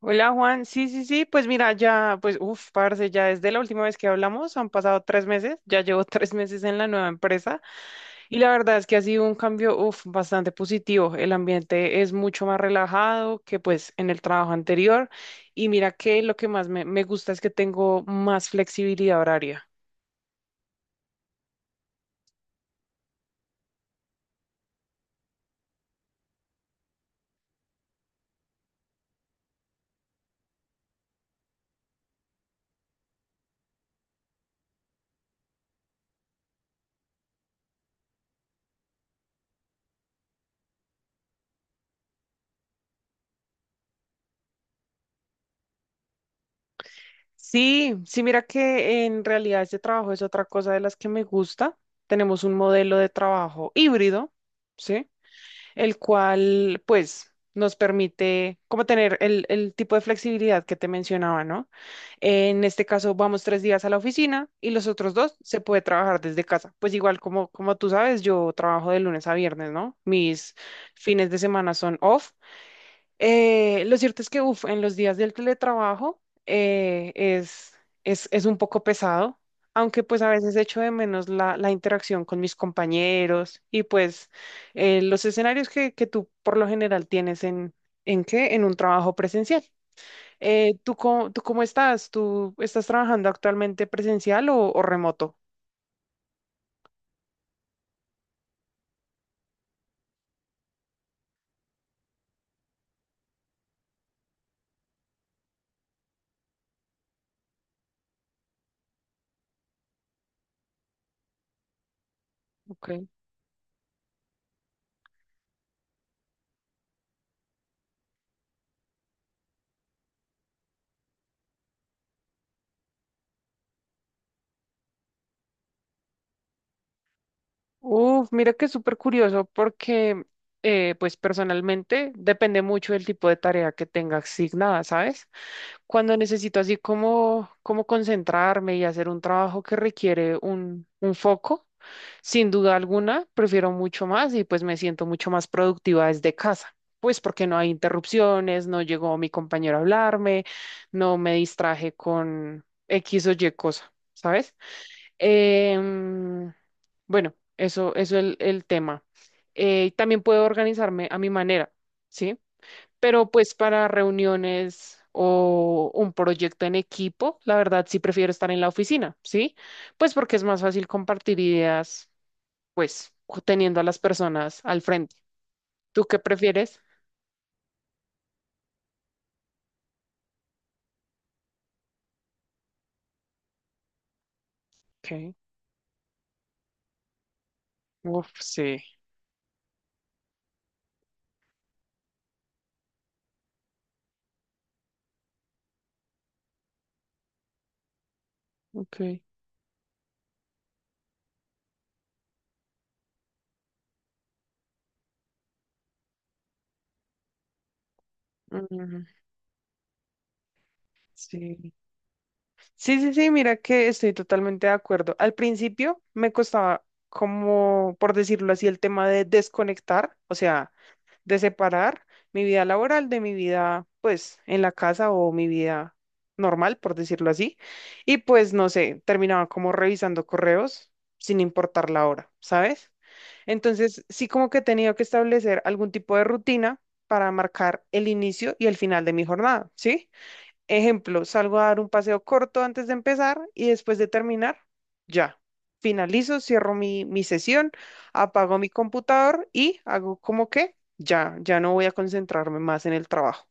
Hola Juan, sí, sí, sí, pues mira, ya, pues, uff, parce, ya desde la última vez que hablamos, han pasado 3 meses, ya llevo 3 meses en la nueva empresa, y la verdad es que ha sido un cambio, uff, bastante positivo. El ambiente es mucho más relajado que pues en el trabajo anterior, y mira que lo que más me gusta es que tengo más flexibilidad horaria. Sí, sí, mira que en realidad este trabajo es otra cosa de las que me gusta. Tenemos un modelo de trabajo híbrido, ¿sí? El cual pues nos permite como tener el tipo de flexibilidad que te mencionaba, ¿no? En este caso vamos 3 días a la oficina y los otros dos se puede trabajar desde casa. Pues igual como, como tú sabes, yo trabajo de lunes a viernes, ¿no? Mis fines de semana son off. Lo cierto es que, uf, en los días del teletrabajo es un poco pesado, aunque pues a veces echo de menos la interacción con mis compañeros y pues los escenarios que tú por lo general tienes ¿en qué? En un trabajo presencial. ¿Tú cómo estás? ¿Tú estás trabajando actualmente presencial o remoto? Ok. Uf, mira que es súper curioso porque, pues personalmente depende mucho del tipo de tarea que tenga asignada, ¿sabes? Cuando necesito así como concentrarme y hacer un trabajo que requiere un foco, sin duda alguna, prefiero mucho más y pues me siento mucho más productiva desde casa. Pues porque no hay interrupciones, no llegó mi compañero a hablarme, no me distraje con X o Y cosa, ¿sabes? Em, bueno, eso es el tema. También puedo organizarme a mi manera, ¿sí? Pero pues para reuniones o un proyecto en equipo, la verdad sí prefiero estar en la oficina, ¿sí? Pues porque es más fácil compartir ideas, pues teniendo a las personas al frente. ¿Tú qué prefieres? Okay. Uf, sí. Okay. Ujú. Sí. Sí, sí, sí, mira que estoy totalmente de acuerdo. Al principio me costaba como, por decirlo así, el tema de desconectar, o sea, de separar mi vida laboral de mi vida, pues, en la casa o mi vida normal, por decirlo así. Y pues, no sé, terminaba como revisando correos sin importar la hora, ¿sabes? Entonces, sí como que he tenido que establecer algún tipo de rutina para marcar el inicio y el final de mi jornada, ¿sí? Ejemplo, salgo a dar un paseo corto antes de empezar y después de terminar, ya. Finalizo, cierro mi sesión, apago mi computador y hago como que ya, ya no voy a concentrarme más en el trabajo.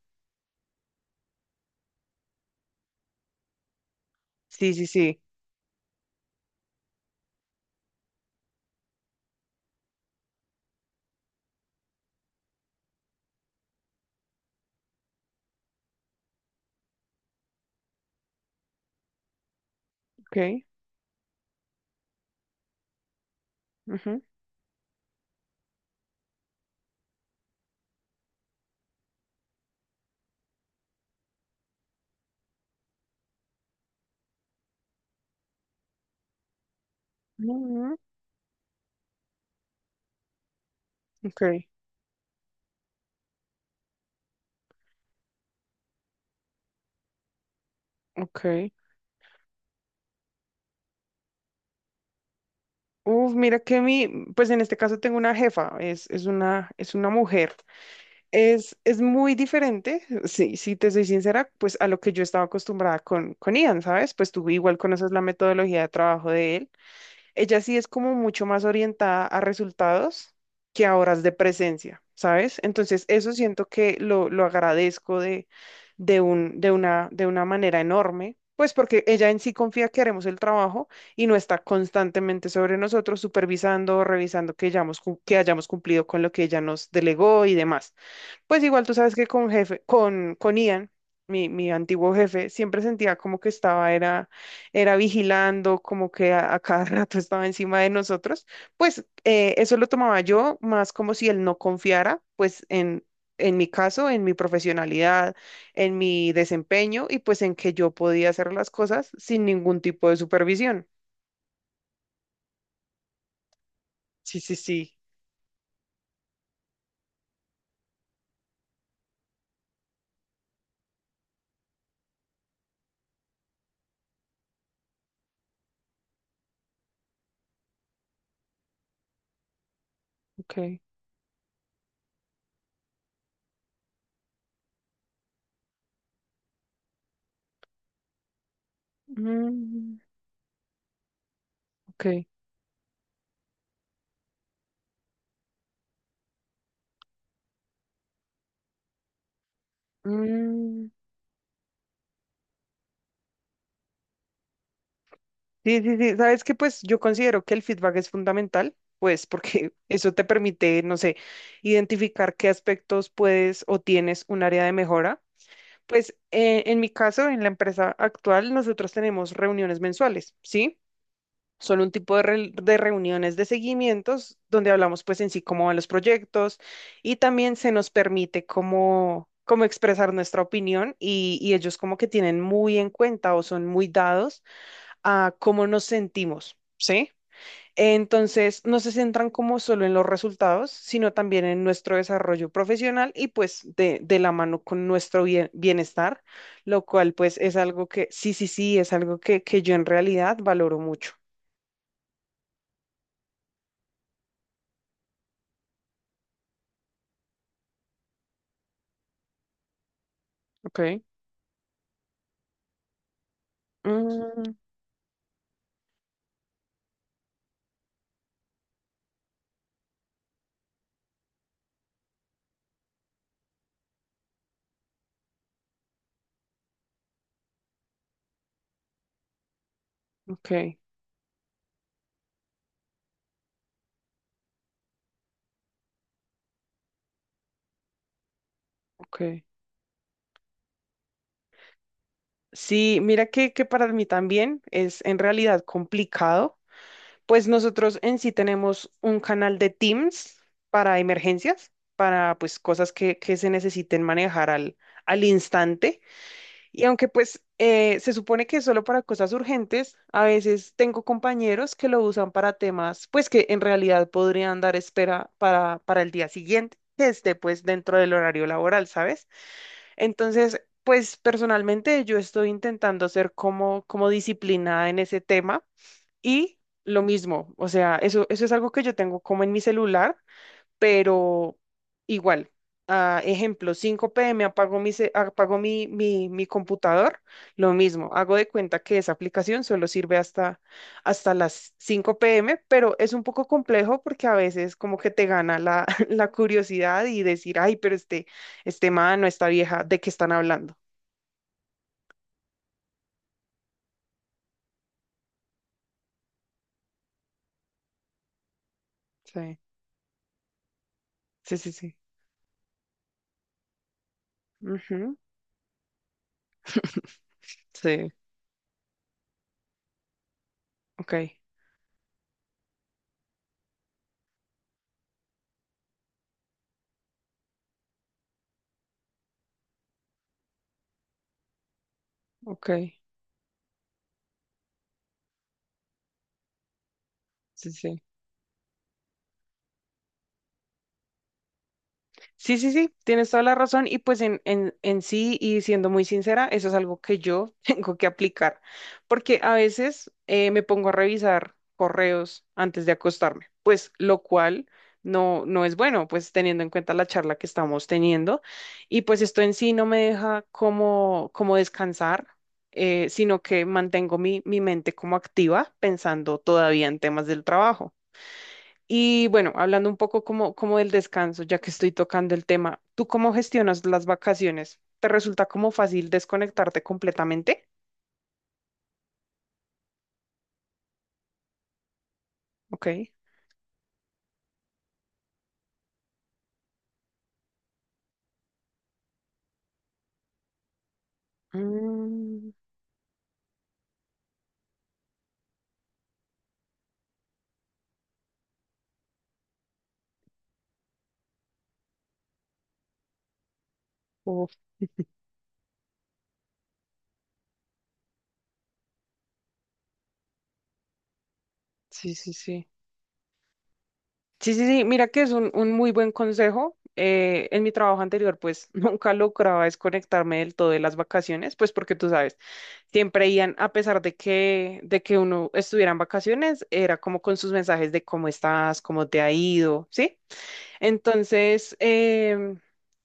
Sí, sí, sí. Ok. Ujú, ujú. Ok, ok. Uf, mira que pues en este caso tengo una jefa, es una mujer. Es muy diferente, sí, si te soy sincera, pues a lo que yo estaba acostumbrada con Ian, ¿sabes? Pues tú igual conoces la metodología de trabajo de él. Ella sí es como mucho más orientada a resultados que a horas de presencia, ¿sabes? Entonces eso siento que lo agradezco de una manera enorme, pues porque ella en sí confía que haremos el trabajo y no está constantemente sobre nosotros supervisando, revisando que hayamos cumplido con lo que ella nos delegó y demás. Pues igual tú sabes que con Ian, mi antiguo jefe, siempre sentía como que era vigilando, como que a cada rato estaba encima de nosotros. Pues eso lo tomaba yo más como si él no confiara, pues en mi caso, en mi profesionalidad, en mi desempeño y pues en que yo podía hacer las cosas sin ningún tipo de supervisión. Sí, sí, sí. Ok. Mm, ok. Mm. Sí, sí, sí. Sabes que pues yo considero que el feedback es fundamental, pues porque eso te permite, no sé, identificar qué aspectos puedes o tienes un área de mejora. Pues en mi caso, en la empresa actual, nosotros tenemos reuniones mensuales, ¿sí? Son un tipo de reuniones de seguimientos donde hablamos pues en sí cómo van los proyectos, y también se nos permite como expresar nuestra opinión y ellos como que tienen muy en cuenta o son muy dados a cómo nos sentimos, ¿sí? Entonces, no se centran como solo en los resultados, sino también en nuestro desarrollo profesional y pues de la mano con nuestro bienestar, lo cual pues es algo que, sí, sí, sí, es algo que yo en realidad valoro mucho. Okay. Mm, ok, ok. Sí, mira que para mí también es en realidad complicado. Pues nosotros en sí tenemos un canal de Teams para emergencias, para pues cosas que se necesiten manejar al instante. Y aunque pues se supone que es solo para cosas urgentes, a veces tengo compañeros que lo usan para temas pues que en realidad podrían dar espera para el día siguiente, que esté pues dentro del horario laboral, ¿sabes? Entonces, pues personalmente yo estoy intentando ser como disciplinada en ese tema y lo mismo, o sea, eso es algo que yo tengo como en mi celular, pero igual. Ah, ejemplo, 5 p. m. apago mi, ce- apago mi, mi, mi computador, lo mismo, hago de cuenta que esa aplicación solo sirve hasta las 5 p. m., pero es un poco complejo porque a veces como que te gana la, la curiosidad y decir, ay, pero este man o esta vieja, ¿de qué están hablando? Sí, sí, sí, sí. Ujú. Sí, ok, ok, sí, sí. Sí, sí, sí, tienes toda la razón, y pues en, en sí y siendo muy sincera, eso es algo que yo tengo que aplicar, porque a veces me pongo a revisar correos antes de acostarme, pues lo cual no, no es bueno, pues teniendo en cuenta la charla que estamos teniendo y pues esto en sí no me deja como descansar, sino que mantengo mi mente como activa pensando todavía en temas del trabajo. Y bueno, hablando un poco como del descanso, ya que estoy tocando el tema, ¿tú cómo gestionas las vacaciones? ¿Te resulta como fácil desconectarte completamente? Ok. Mm, uf, sí, sí, sí. Sí, sí, sí, mira que es un muy buen consejo. En mi trabajo anterior, pues nunca lograba desconectarme del todo de las vacaciones, pues porque tú sabes, siempre iban, a pesar de que uno estuviera en vacaciones, era como con sus mensajes de cómo estás, cómo te ha ido, ¿sí? Entonces,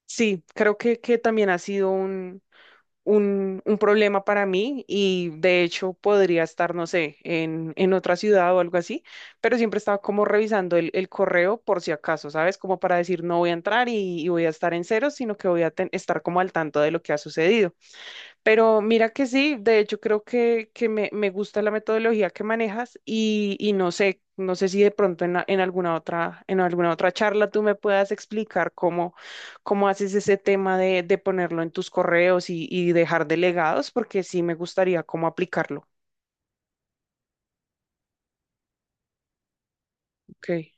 sí, creo que también ha sido un problema para mí, y de hecho podría estar, no sé, en otra ciudad o algo así, pero siempre estaba como revisando el correo por si acaso, ¿sabes? Como para decir no voy a entrar y voy a estar en cero, sino que voy a estar como al tanto de lo que ha sucedido. Pero mira que sí, de hecho creo que me gusta la metodología que manejas y no sé si de pronto en alguna otra charla tú me puedas explicar cómo haces ese tema de ponerlo en tus correos y dejar delegados, porque sí me gustaría cómo aplicarlo. Ok,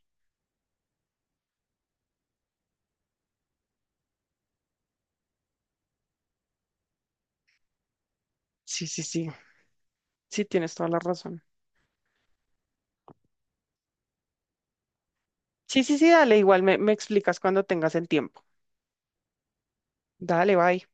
sí, sí, sí, sí, tienes toda la razón. Sí, sí, sí, dale, igual me explicas cuando tengas el tiempo. Dale, bye.